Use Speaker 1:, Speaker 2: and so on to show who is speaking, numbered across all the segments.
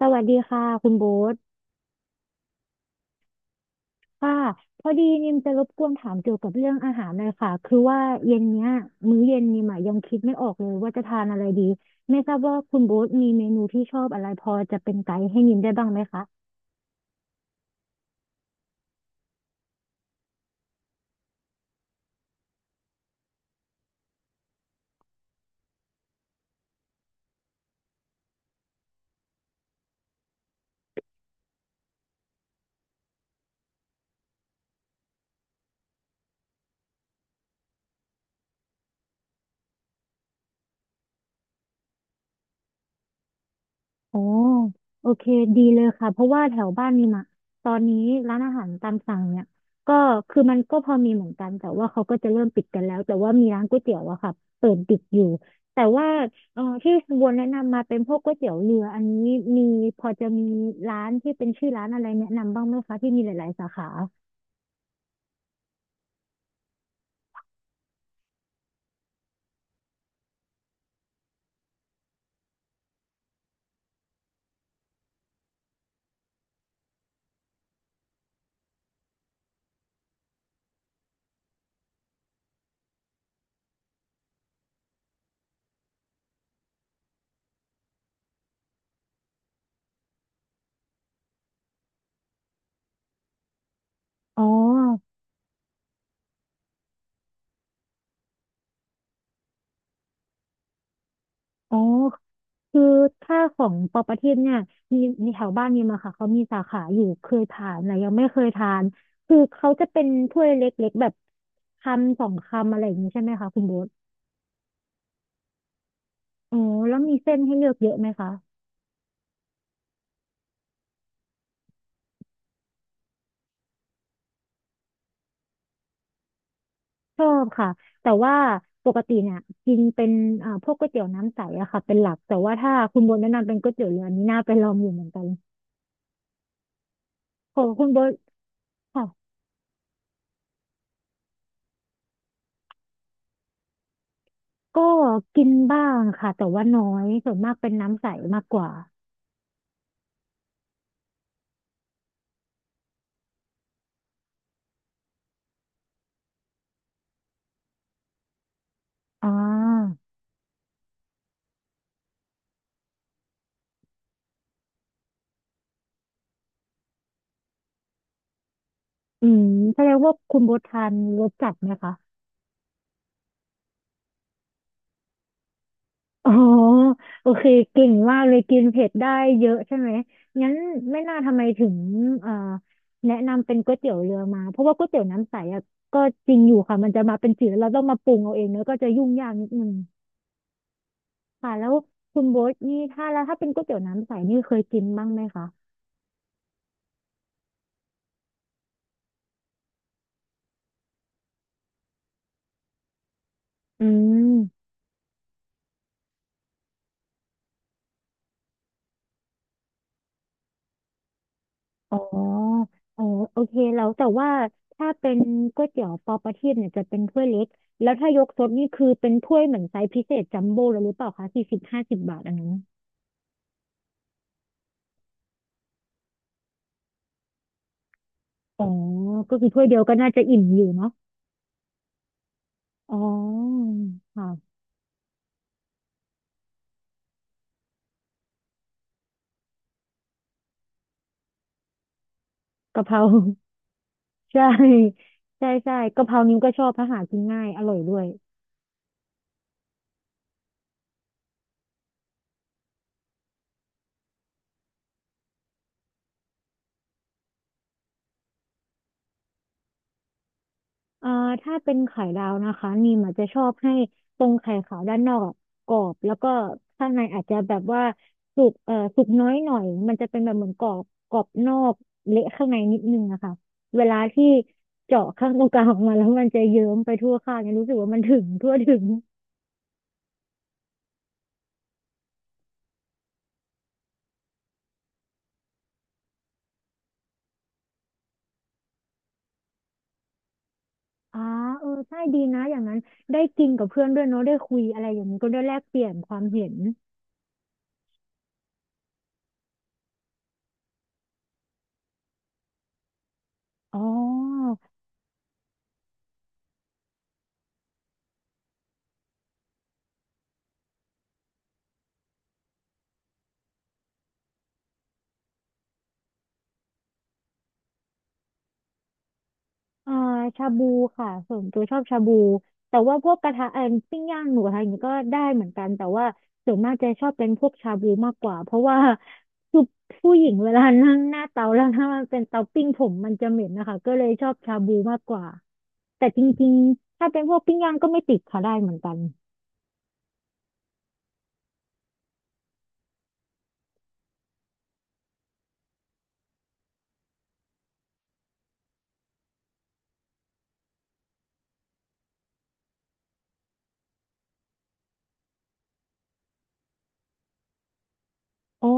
Speaker 1: สวัสดีค่ะคุณโบ๊ทค่ะพอดีนิมจะรบกวนถามเกี่ยวกับเรื่องอาหารหน่อยค่ะคือว่าเย็นเนี้ยมื้อเย็นนิมอะยังคิดไม่ออกเลยว่าจะทานอะไรดีไม่ทราบว่าคุณโบ๊ทมีเมนูที่ชอบอะไรพอจะเป็นไกด์ให้นิมได้บ้างไหมคะ โอ้โอเคดีเลยค่ะเพราะว่าแถวบ้านนี่มอะตอนนี้ร้านอาหารตามสั่งเนี่ยก็คือมันก็พอมีเหมือนกันแต่ว่าเขาก็จะเริ่มปิดกันแล้วแต่ว่ามีร้านก๋วยเตี๋ยวอะค่ะเปิดปิดอยู่แต่ว่าที่คุณบัวแนะนำมาเป็นพวกก๋วยเตี๋ยวเรืออันนี้มีพอจะมีร้านที่เป็นชื่อร้านอะไรแนะนำบ้างไหมคะที่มีหลายๆสาขาอ๋ออ๋อ คือถ้าของปอประทีปเนี่ยมีมีแถวบ้านมีมาค่ะเขามีสาขาอยู่เคยทานแต่ยังไม่เคยทานคือเขาจะเป็นถ้วยเล็กๆแบบคำสองคำอะไรอย่างนี้ใช่ไหมคะคุณโบ๊ทอ๋อแล้วมีเส้นให้เลือกเยอะไหมคะชอบค่ะแต่ว่าปกติเนี่ยกินเป็นพวกก๋วยเตี๋ยวน้ำใสอะค่ะเป็นหลักแต่ว่าถ้าคุณโบนแนะนำเป็นก๋วยเตี๋ยวเรืออันนี้น่าไปลองอยู่เหมือนกันของคุณโบนค่ะก็กินบ้างค่ะแต่ว่าน้อยส่วนมากเป็นน้ำใสมากกว่าอ่า อืมแสดงว่าคุณโบททานรสจัดไหมคะอ๋อโอเคเก่งมากเลยกินเผ็ดได้เยอะใช่ไหมงั้นไม่น่าทำไมถึงเอ่อแนะนำเป็นก๋วยเตี๋ยวเรือมาเพราะว่าก๋วยเตี๋ยวน้ำใสอะก็จริงอยู่ค่ะมันจะมาเป็นจืดแล้วเราต้องมาปรุงเอาเองเนอะก็จะยุ่งยากนิดนึงค่ะแล้วคุณโบทนี่ถ้าแล้วถ้าเป็นก๋วยเตี๋ยวน้ำใสนี่เคยกินบ้างไหมคะอืม อ๋อเออโอเคแล้วแต่ว่าถ้าเป็นก๋วยเตี๋ยวปอประทีปเนี่ยจะเป็นถ้วยเล็กแล้วถ้ายกซดนี่คือเป็นถ้วยเหมือนไซส์พิเศษจัมโบ้เลยหรือเปล่าคะ40-50 บาทอันนั้นอ๋อก็คือถ้วยเดียวก็น่าจะอิ่มอยู่เนาะอ๋อค่ะกะเพรา ใช่ใช่ใช่กะเพรานิ้วก็ชอบเพราะหากินง่ายอร่อยด้วย เอ่าถ้าเป็นไข่ดาวนะคะนีมอาจจะชอบให้ตรงไข่ขาวด้านนอกอะกรอบแล้วก็ข้างในอาจจะแบบว่าสุกสุกน้อยหน่อยมันจะเป็นแบบเหมือนกรอบกรอบนอกเละข้างในนิดนึงนะคะเวลาที่เจาะข้างตรงกลางออกมาแล้วมันจะเยิ้มไปทั่วข้างเนี่ยรู้สึกว่ามันถึงทั่วถึงอ่าเออใช่ดีนะอย่างนั้นได้กินกับเพื่อนด้วยเนาะได้คุยอะไรอย่างนี้ก็ได้แลกเปลี่ยนความเห็นอ๋อ อ่าชาบูค่ะส่วนตัวชอบชาบูแต่ว่าพวกกระทะปิ้งย่างหนูอะไรอย่างเงี้ยก็ได้เหมือนกันแต่ว่าส่วนมากจะชอบเป็นพวกชาบูมากกว่าเพราะว่าคือผู้หญิงเวลานั่งหน้าเตาแล้วถ้ามันเป็นเตาปิ้งผมมันจะเหม็นนะคะก็เลยชอบชาบูมากกว่าแต่จริงๆถ้าเป็นพวกปิ้งย่างก็ไม่ติดค่ะได้เหมือนกัน อ๋อ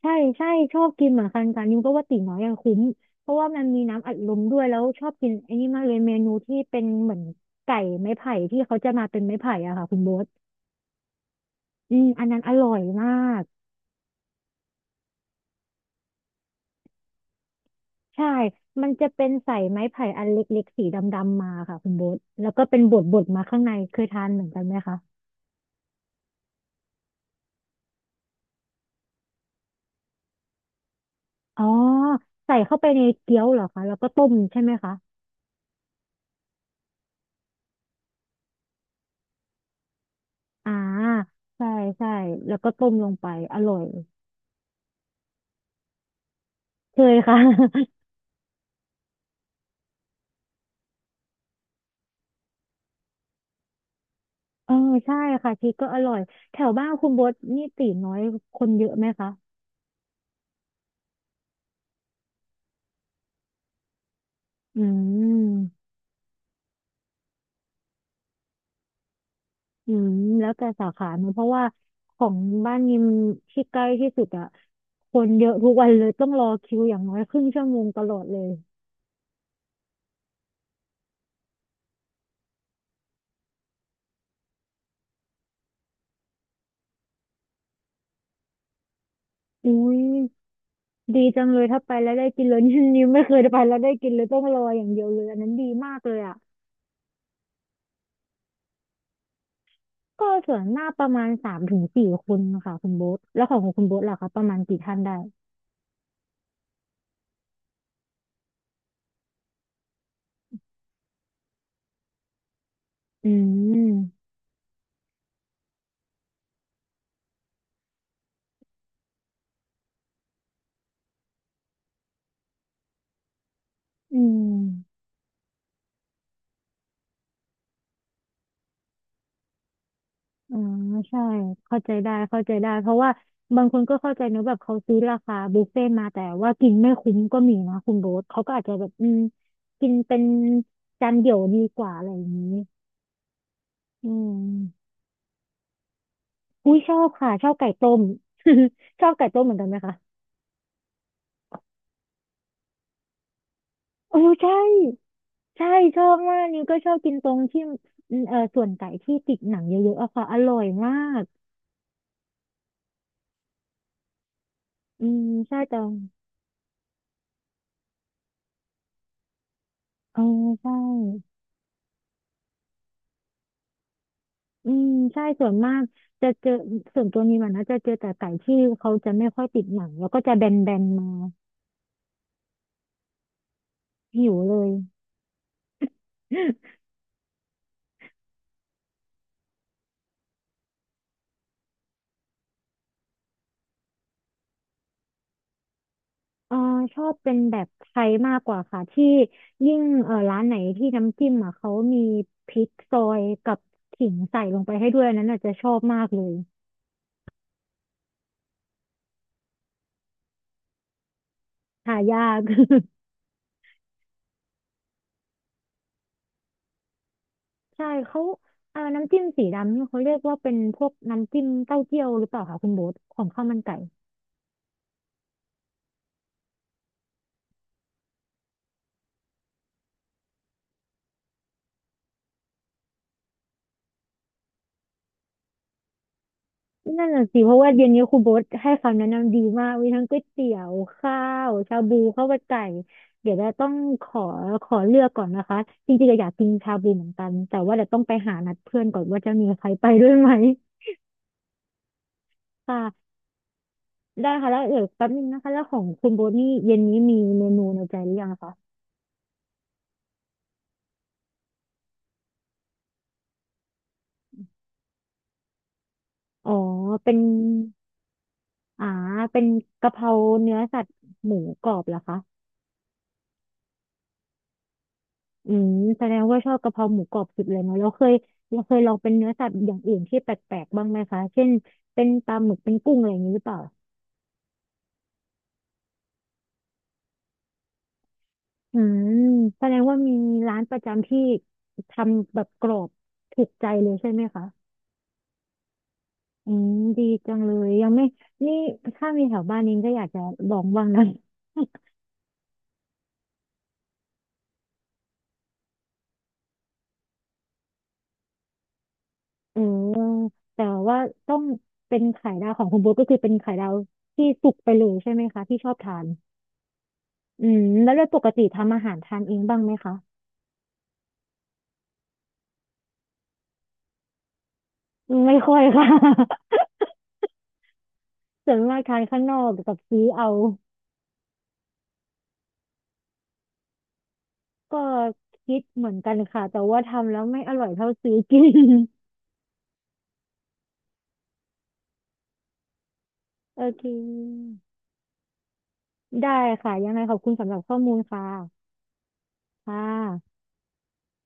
Speaker 1: ใช่ใช่ชอบกินเหมือนกันกันนิวก็ว่าตีน้อยอะคุ้มเพราะว่ามันมีน้ำอัดลมด้วยแล้วชอบกินไอ้นี่มากเลยเมนูที่เป็นเหมือนไก่ไม้ไผ่ที่เขาจะมาเป็นไม้ไผ่อะค่ะคุณโบ๊ทอันนั้นอร่อยมากใช่มันจะเป็นใส่ไม้ไผ่อันเล็กๆสีดำๆมาค่ะคุณโบ๊ทแล้วก็เป็นบดๆมาข้างในเคยทานเหมือนกันไหมคะอ๋อใส่เข้าไปในเกี๊ยวเหรอคะแล้วก็ต้มใช่ไหมคะอ่าใช่ใช่แล้วก็ต้มลงไปอร่อยเคยค่ะ เออใช่ค่ะชีสก็อร่อยแถวบ้านคุณโบทนี่ตีน้อยคนเยอะไหมคะอืมอืมแล้วแต่สาขาเนอะเพราะว่าของบ้านนิมที่ใกล้ที่สุดอะคนเยอะทุกวันเลยต้องรอคิวอย่างน้อยครึ่งชั่วโมงตลอดเลยอุ้ยดีจังเลยถ้าไปแล้วได้กินเลย นี่นิมไม่เคยไปแล้วได้กินเลยต้องรออย่างเดียวเลยอันนั้นดีมากเลยอะก็ส่วนหน้ากประมาณ3 ถึง 4 คนค่ะคุณโบ๊ทแล้วของคุณโบ๊ทล่ะคะประมาณกี่ท่านได้อืมอืม อ่าใช่เข้าใจได้เข้าใจได้เพราะว่าบางคนก็เข้าใจเนอะแบบเขาซื้อราคาบุฟเฟ่ต์มาแต่ว่ากินไม่คุ้มก็มีนะคุณโบ๊ทเขาก็อาจจะแบบกินเป็นจานเดี่ยวดีกว่าอะไรอย่างนี้อืมอุ้ยชอบค่ะชอบไก่ต้ม ชอบไก่ต้มเหมือนกันไหมคะโอ้ใช่ใช่ชอบมากนิวก็ชอบกินตรงที่เออส่วนไก่ที่ติดหนังเยอะๆอะค่ะอร่อยมากอืมใช่แต่เออใช่ อืมใช่ส่วนมากจะเจอส่วนตัวนี้มันนะจะเจอแต่ไก่ที่เขาจะไม่ค่อยติดหนังแล้วก็จะแบนๆมาหิวเลย เออชอบเป็นแบบไทยมากกว่าค่ะที่ยิ่งเออร้านไหนที่น้ำจิ้มอ่ะเขามีพริกซอยกับขิงใส่ลงไปให้ด้วยอันนั้นอาจจะชอบมากเลยหายาก ใช่เขาเออน้ำจิ้มสีดำนี่เขาเรียกว่าเป็นพวกน้ำจิ้มเต้าเจี้ยวหรือเปล่าคะคุณโบ๊ทของข้าวมันไก่ นั่นน่ะสิเพราะว่าเย็นนี้ครูโบ๊ทให้คำแนะนำดีมากมีทั้งก๋วยเตี๋ยวข้าวชาบูข้าวมันไก่เดี๋ยวเราต้องขอขอเลือกก่อนนะคะจริงๆก็อยากกินชาบูเหมือนกันแต่ว่าเดี๋ยวต้องไปหานัดเพื่อนก่อนว่าจะมีใครไปด้วยไหมค่ะได้ค่ะแล้วเดี๋ยวแป๊บนึงนะคะแล้วของคุณโบ๊ทนี่เย็นนี้มีเมนูในใจหรือยังคะอ๋อเป็นอ่าเป็นกะเพราเนื้อสัตว์หมูกรอบเหรอคะ อืมแสดงว่าชอบกะเพราหมูกรอบสุดเลยเนาะเราเคยลองเป็นเนื้อสัตว์อย่างอื่นที่แปลกๆบ้างไหมคะเช่นเป็นปลาหมึกเป็นกุ้งอะไรอย่างนี้หรือเปล่าอืมแสดงว่ามีร้านประจำที่ทำแบบกรอบถูกใจเลยใช่ไหมคะอืมดีจังเลยยังไม่นี่ถ้ามีแถวบ้านนี้ก็อยากจะลองบ้างนะ เออแต่ว่าต้องเป็นไข่ดาวของคุณโบ๊ทก็คือเป็นไข่ดาวที่สุกไปเลยใช่ไหมคะที่ชอบทานอืมแล้วโดยปกติทำอาหารทานเองบ้างไหมคะ ไม่ค่อยค่ะ ส่วนมากทานข้างนอกกับซื้อเอาก็คิดเหมือนกันค่ะแต่ว่าทำแล้วไม่อร่อยเท่าซื้อกิน โอเคได้ค่ะยังไงขอบคุณสำหรับข้อมูลค่ะค่ะ